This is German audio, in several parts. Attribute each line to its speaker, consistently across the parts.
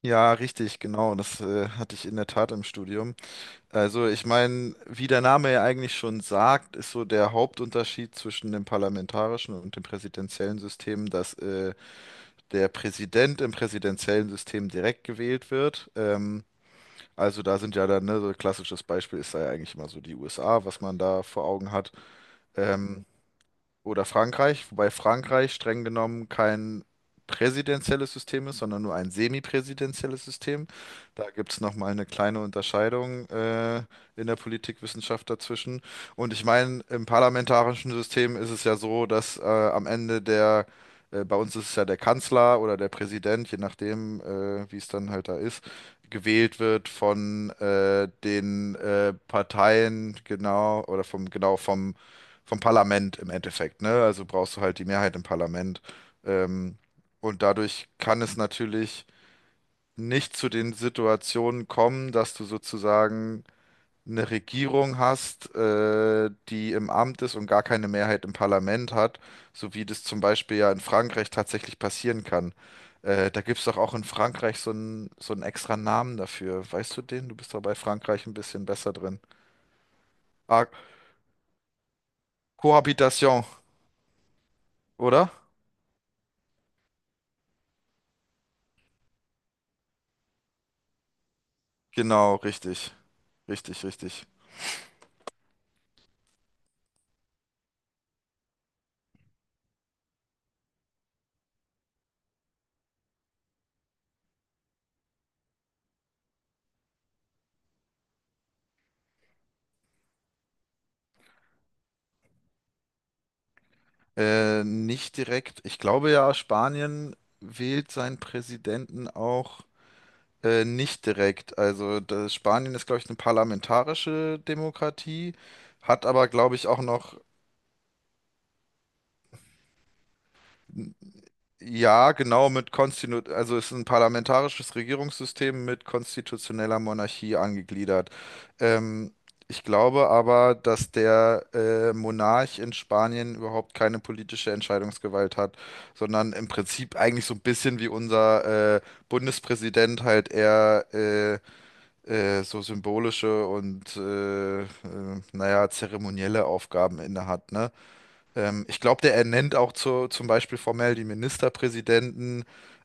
Speaker 1: Ja, richtig, genau. Das hatte ich in der Tat im Studium. Also ich meine, wie der Name ja eigentlich schon sagt, ist so der Hauptunterschied zwischen dem parlamentarischen und dem präsidentiellen System, dass der Präsident im präsidentiellen System direkt gewählt wird. Also da sind ja dann, ne, so ein klassisches Beispiel ist da ja eigentlich immer so die USA, was man da vor Augen hat. Ähm, oder Frankreich, wobei Frankreich streng genommen kein präsidentielles System ist, sondern nur ein semipräsidentielles System. Da gibt es nochmal eine kleine Unterscheidung in der Politikwissenschaft dazwischen. Und ich meine, im parlamentarischen System ist es ja so, dass am Ende bei uns ist es ja der Kanzler oder der Präsident, je nachdem, wie es dann halt da ist, gewählt wird von den Parteien, genau, oder vom, genau vom Parlament im Endeffekt, ne? Also brauchst du halt die Mehrheit im Parlament. Ähm, und dadurch kann es natürlich nicht zu den Situationen kommen, dass du sozusagen eine Regierung hast, die im Amt ist und gar keine Mehrheit im Parlament hat, so wie das zum Beispiel ja in Frankreich tatsächlich passieren kann. Da gibt es doch auch in Frankreich so einen extra Namen dafür. Weißt du den? Du bist doch bei Frankreich ein bisschen besser drin. Ah, Cohabitation, oder? Genau, richtig. Richtig, richtig. Nicht direkt. Ich glaube ja, Spanien wählt seinen Präsidenten auch nicht direkt. Also das Spanien ist, glaube ich, eine parlamentarische Demokratie, hat aber, glaube ich, auch noch. Ja, genau, mit Konstinu, also es ist ein parlamentarisches Regierungssystem mit konstitutioneller Monarchie angegliedert. Ähm, Ich glaube aber, dass der Monarch in Spanien überhaupt keine politische Entscheidungsgewalt hat, sondern im Prinzip eigentlich so ein bisschen wie unser Bundespräsident halt eher so symbolische und naja, zeremonielle Aufgaben innehat, ne? Ich glaube, der ernennt auch zum Beispiel formell die Ministerpräsidenten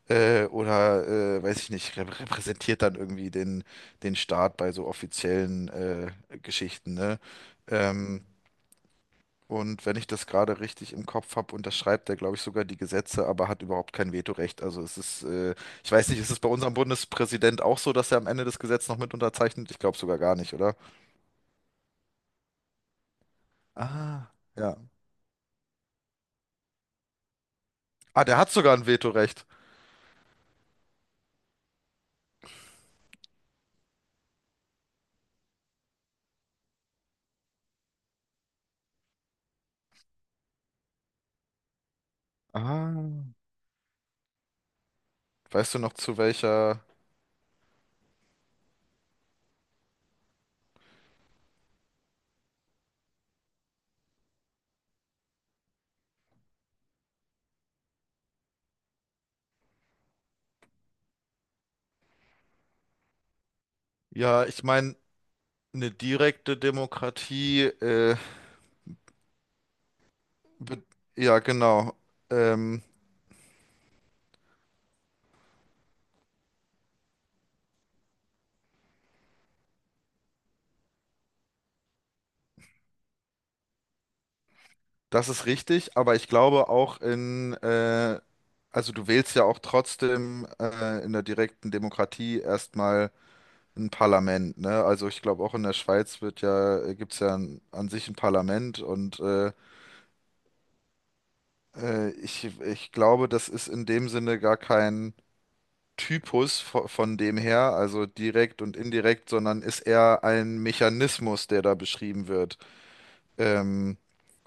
Speaker 1: oder, weiß ich nicht, repräsentiert dann irgendwie den, Staat bei so offiziellen Geschichten, ne? Ähm, und wenn ich das gerade richtig im Kopf habe, unterschreibt er, glaube ich, sogar die Gesetze, aber hat überhaupt kein Vetorecht. Also es ist, ich weiß nicht, ist es bei unserem Bundespräsident auch so, dass er am Ende das Gesetz noch mit unterzeichnet? Ich glaube sogar gar nicht, oder? Ah, ja. Ah, der hat sogar ein Vetorecht. Ah. Weißt du noch, zu welcher? Ja, ich meine, eine direkte Demokratie, be- ja, genau. Ähm, Das ist richtig, aber ich glaube auch also du wählst ja auch trotzdem in der direkten Demokratie erstmal ein Parlament, ne? Also ich glaube auch in der Schweiz wird ja, gibt es ja an sich ein Parlament und ich glaube, das ist in dem Sinne gar kein Typus von dem her, also direkt und indirekt, sondern ist eher ein Mechanismus, der da beschrieben wird. Ähm,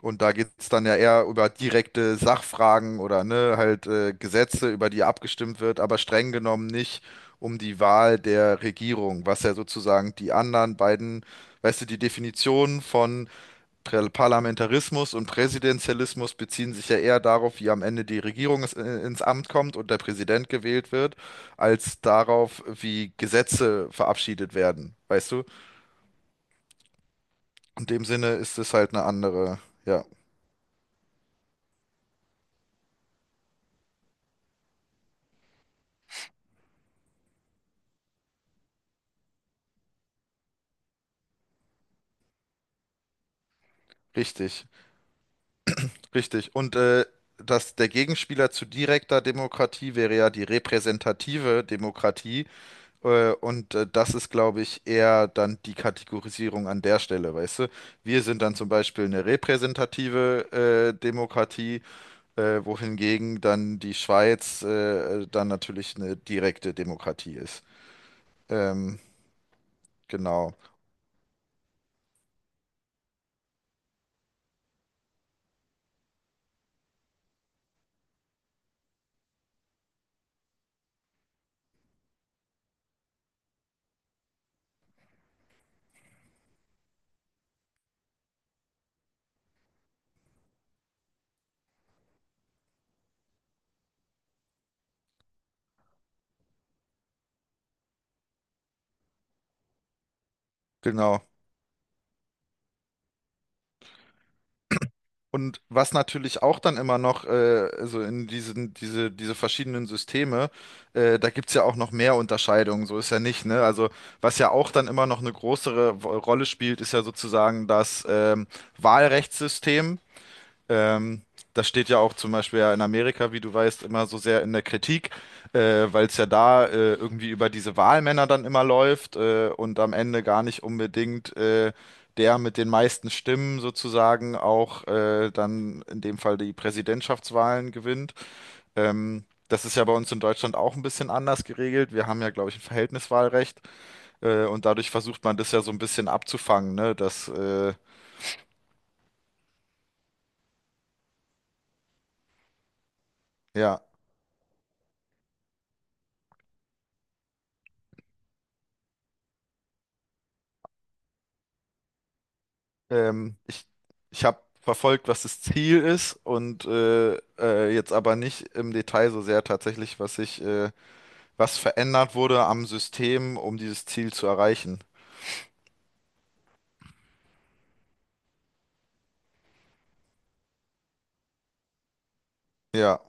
Speaker 1: und da geht es dann ja eher über direkte Sachfragen oder ne, halt Gesetze, über die abgestimmt wird, aber streng genommen nicht um die Wahl der Regierung, was ja sozusagen die anderen beiden, weißt du, die Definition von Parlamentarismus und Präsidentialismus beziehen sich ja eher darauf, wie am Ende die Regierung ins Amt kommt und der Präsident gewählt wird, als darauf, wie Gesetze verabschiedet werden, weißt du? In dem Sinne ist es halt eine andere, ja, richtig, richtig. Und dass der Gegenspieler zu direkter Demokratie wäre ja die repräsentative Demokratie. Und das ist, glaube ich, eher dann die Kategorisierung an der Stelle, weißt du? Wir sind dann zum Beispiel eine repräsentative Demokratie, wohingegen dann die Schweiz dann natürlich eine direkte Demokratie ist. Ähm, genau, genau. Und was natürlich auch dann immer noch, also in diese verschiedenen Systeme, da gibt's ja auch noch mehr Unterscheidungen, so ist ja nicht, ne? Also was ja auch dann immer noch eine größere Rolle spielt, ist ja sozusagen das Wahlrechtssystem. Ähm, Das steht ja auch zum Beispiel ja in Amerika, wie du weißt, immer so sehr in der Kritik, weil es ja da irgendwie über diese Wahlmänner dann immer läuft und am Ende gar nicht unbedingt der mit den meisten Stimmen sozusagen auch dann in dem Fall die Präsidentschaftswahlen gewinnt. Das ist ja bei uns in Deutschland auch ein bisschen anders geregelt. Wir haben ja, glaube ich, ein Verhältniswahlrecht und dadurch versucht man das ja so ein bisschen abzufangen, ne? Dass, ja. Ähm, ich ich habe verfolgt, was das Ziel ist und jetzt aber nicht im Detail so sehr tatsächlich, was verändert wurde am System, um dieses Ziel zu erreichen. Ja,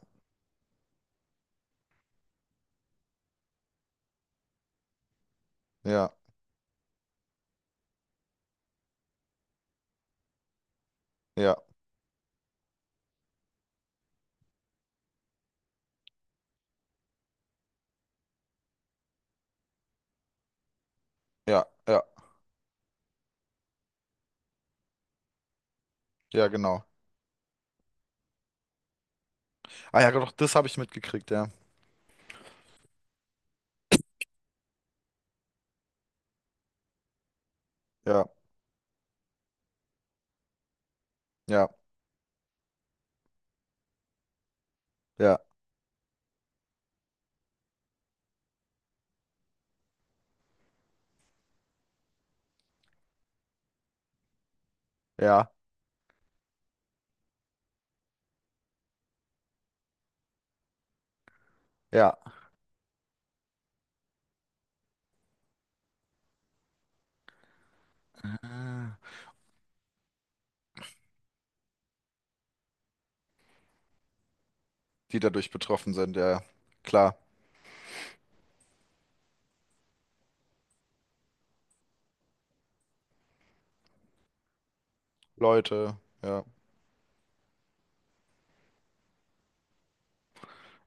Speaker 1: ja, ja, ja, ja, ja, genau. Ah ja, doch, das habe ich mitgekriegt, ja. Ja, ja, ja, ja, ja. Ah. Die dadurch betroffen sind, ja. Ja. Klar, Leute, ja.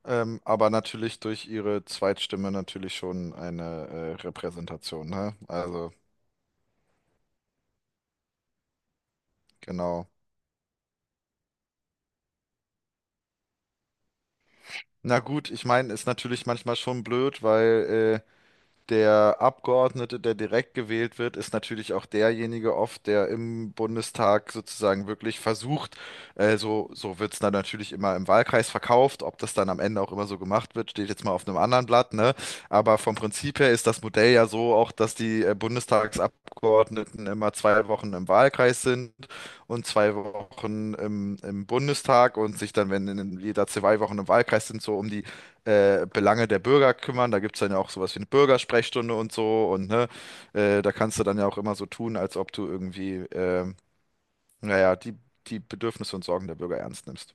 Speaker 1: Aber natürlich durch ihre Zweitstimme natürlich schon eine Repräsentation, ne? Also. Genau. Na gut, ich meine, ist natürlich manchmal schon blöd, weil der Abgeordnete, der direkt gewählt wird, ist natürlich auch derjenige oft, der im Bundestag sozusagen wirklich versucht, so, wird es dann natürlich immer im Wahlkreis verkauft. Ob das dann am Ende auch immer so gemacht wird, steht jetzt mal auf einem anderen Blatt, ne? Aber vom Prinzip her ist das Modell ja so auch, dass die Bundestagsabgeordneten immer 2 Wochen im Wahlkreis sind und 2 Wochen im Bundestag und sich dann, wenn in jeder 2 Wochen im Wahlkreis sind, so um die Belange der Bürger kümmern. Da gibt es dann ja auch sowas wie eine Bürgersprechstunde und so. Und ne, da kannst du dann ja auch immer so tun, als ob du irgendwie, naja, die Bedürfnisse und Sorgen der Bürger ernst nimmst.